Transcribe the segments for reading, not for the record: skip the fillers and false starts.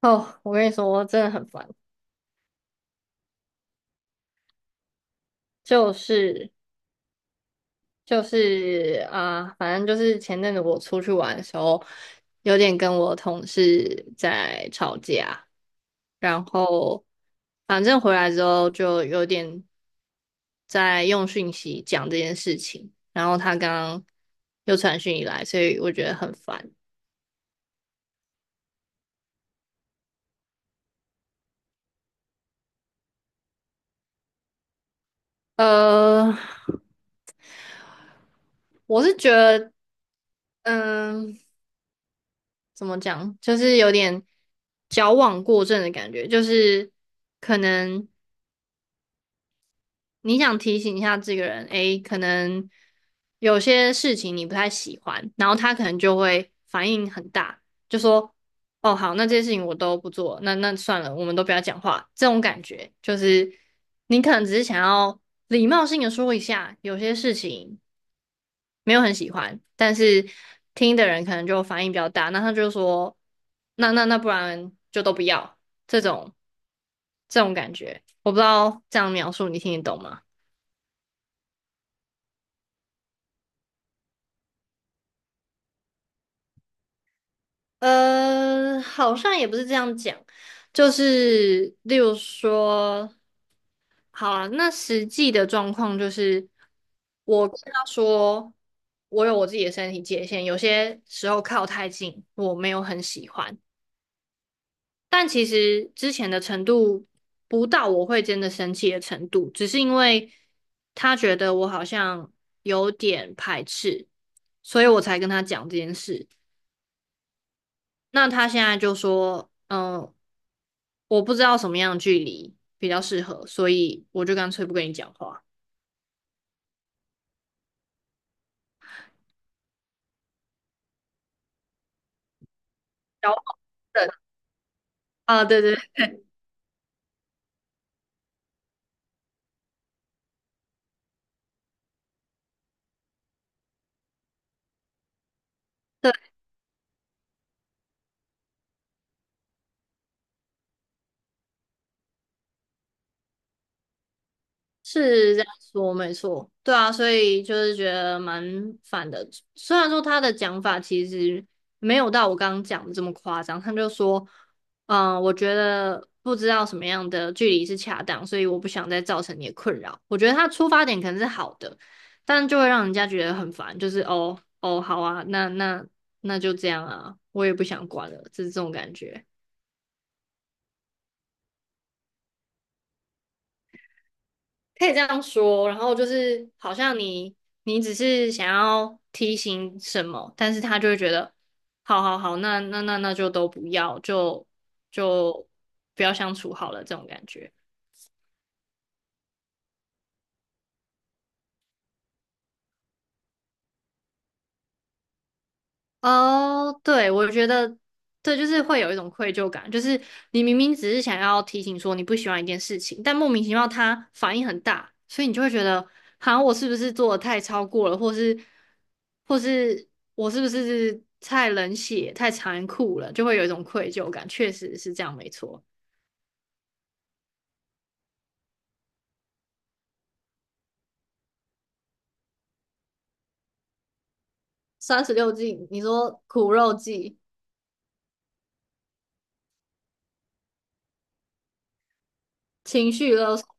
哦，我跟你说，真的很烦，就是就是啊、反正就是前阵子我出去玩的时候，有点跟我同事在吵架，然后反正回来之后就有点在用讯息讲这件事情，然后他刚刚又传讯以来，所以我觉得很烦。呃，我是觉得，嗯。怎么讲，就是有点矫枉过正的感觉，就是可能你想提醒一下这个人，诶，可能有些事情你不太喜欢，然后他可能就会反应很大，就说，哦，好，那这些事情我都不做，那算了，我们都不要讲话，这种感觉就是你可能只是想要礼貌性的说一下，有些事情没有很喜欢，但是听的人可能就反应比较大，那他就说，那不然就都不要这种这种感觉，我不知道这样描述你听得懂吗？好像也不是这样讲，就是例如说，好啊，那实际的状况就是，我跟他说，我有我自己的身体界限，有些时候靠太近，我没有很喜欢。但其实之前的程度不到我会真的生气的程度，只是因为他觉得我好像有点排斥，所以我才跟他讲这件事。那他现在就说，嗯，我不知道什么样的距离比较适合，所以我就干脆不跟你讲话。小黄人啊，对对对，是这样说，没错，对啊，所以就是觉得蛮烦的。虽然说他的讲法其实没有到我刚刚讲的这么夸张，他就说，我觉得不知道什么样的距离是恰当，所以我不想再造成你的困扰。我觉得他出发点可能是好的，但就会让人家觉得很烦，就是哦哦，好啊，那那就这样啊，我也不想管了，就是这种感觉。可以这样说，然后就是好像你只是想要提醒什么，但是他就会觉得，好好好，那就都不要，就不要相处好了，这种感觉。哦，对，我觉得对，就是会有一种愧疚感，就是你明明只是想要提醒说你不喜欢一件事情，但莫名其妙它反应很大，所以你就会觉得，好我是不是做的太超过了，或是或是我是不是太冷血、太残酷了，就会有一种愧疚感。确实是这样，没错。三十六计，你说苦肉计、情绪勒索。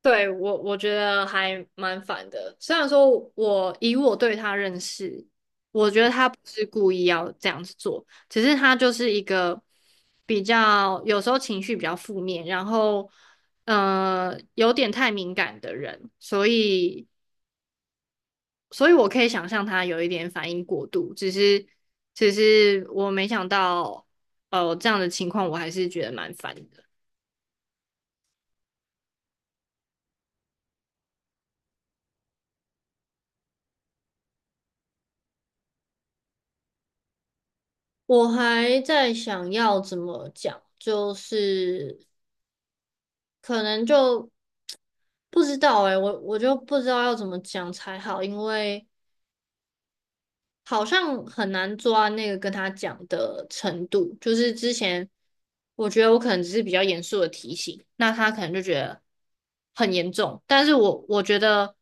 对，我觉得还蛮烦的。虽然说我以我对他认识，我觉得他不是故意要这样子做，只是他就是一个比较有时候情绪比较负面，然后有点太敏感的人，所以我可以想象他有一点反应过度，只是我没想到这样的情况，我还是觉得蛮烦的。我还在想要怎么讲，就是。可能就不知道诶、我就不知道要怎么讲才好，因为好像很难抓那个跟他讲的程度。就是之前我觉得我可能只是比较严肃的提醒，那他可能就觉得很严重。但是我觉得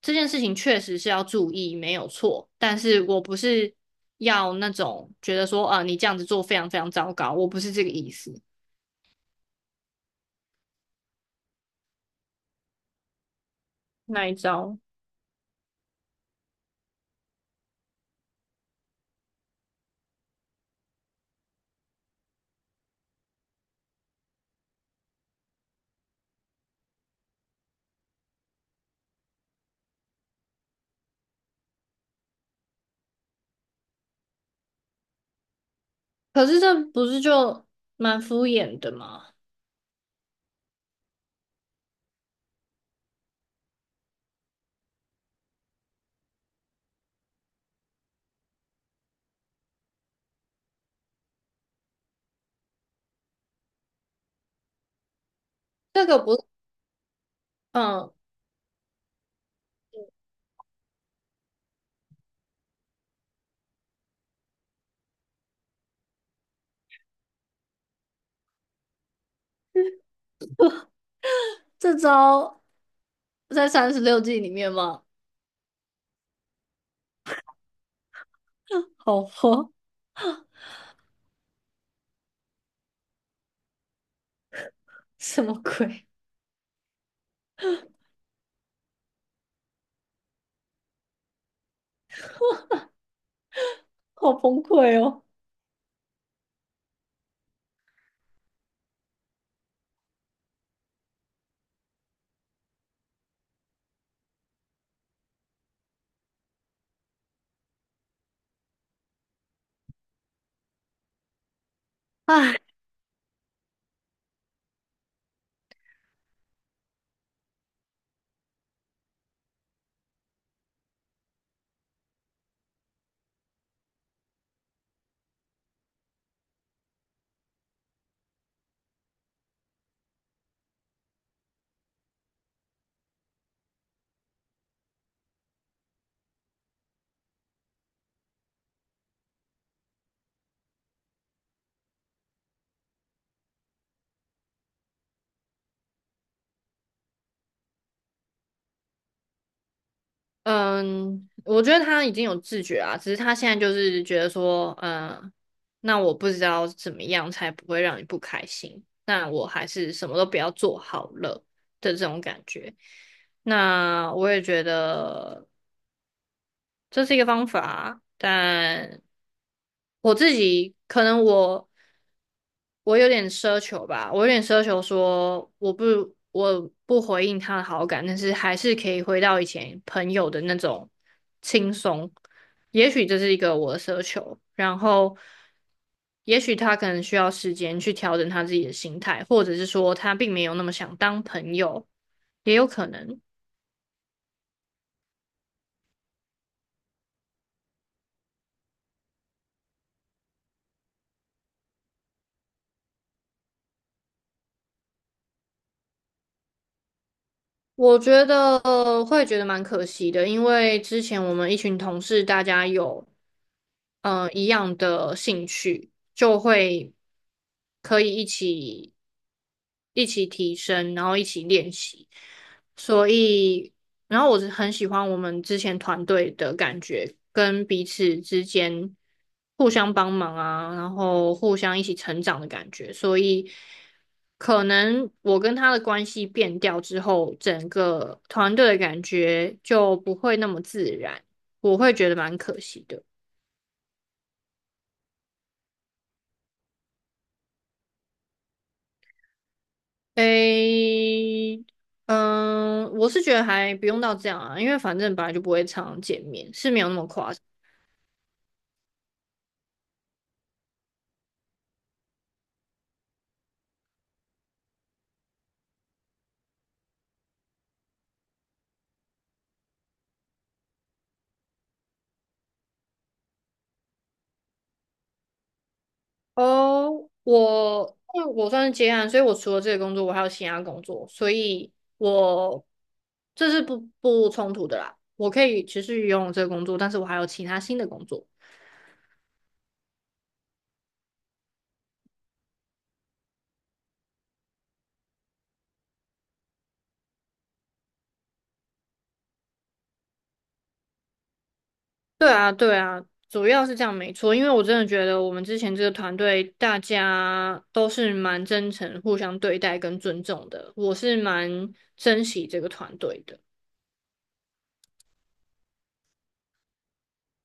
这件事情确实是要注意，没有错。但是我不是要那种觉得说，啊、你这样子做非常非常糟糕，我不是这个意思，那一招。可是这不是就蛮敷衍的吗？这个不，嗯，这招在三十六计里面吗？好吧，什么鬼？好崩溃哦！唉，嗯，我觉得他已经有自觉啊，只是他现在就是觉得说，嗯，那我不知道怎么样才不会让你不开心，那我还是什么都不要做好了的这种感觉。那我也觉得。这是一个方法，但我自己可能我有点奢求吧，我有点奢求说我不回应他的好感，但是还是可以回到以前朋友的那种轻松。也许这是一个我的奢求，然后也许他可能需要时间去调整他自己的心态，或者是说他并没有那么想当朋友，也有可能。我觉得会觉得蛮可惜的，因为之前我们一群同事大家有一样的兴趣，就会可以一起提升，然后一起练习。所以，然后我是很喜欢我们之前团队的感觉，跟彼此之间互相帮忙啊，然后互相一起成长的感觉。所以，可能我跟他的关系变掉之后，整个团队的感觉就不会那么自然，我会觉得蛮可惜的。诶，嗯，我是觉得还不用到这样啊，因为反正本来就不会常常见面，是没有那么夸张。哦，我因为我算是接案，所以我除了这个工作，我还有其他工作，所以我这是不冲突的啦。我可以持续拥有这个工作，但是我还有其他新的工作。对啊，对啊，主要是这样没错，因为我真的觉得我们之前这个团队大家都是蛮真诚、互相对待跟尊重的，我是蛮珍惜这个团队的。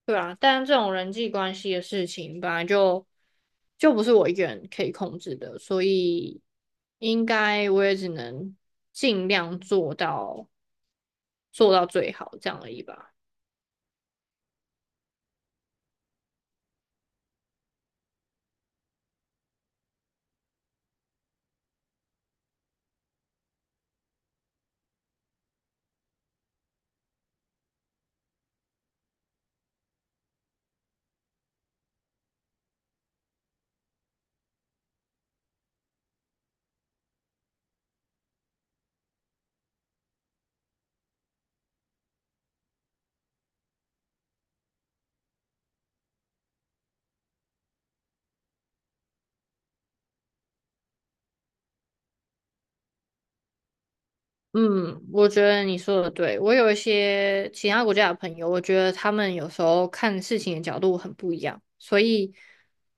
对啊，但这种人际关系的事情本来就不是我一个人可以控制的，所以应该我也只能尽量做到最好这样而已吧。嗯，我觉得你说的对。我有一些其他国家的朋友，我觉得他们有时候看事情的角度很不一样，所以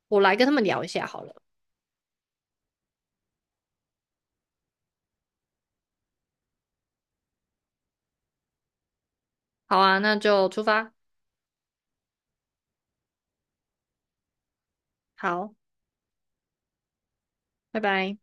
我来跟他们聊一下好了。好啊，那就出发。好，拜拜。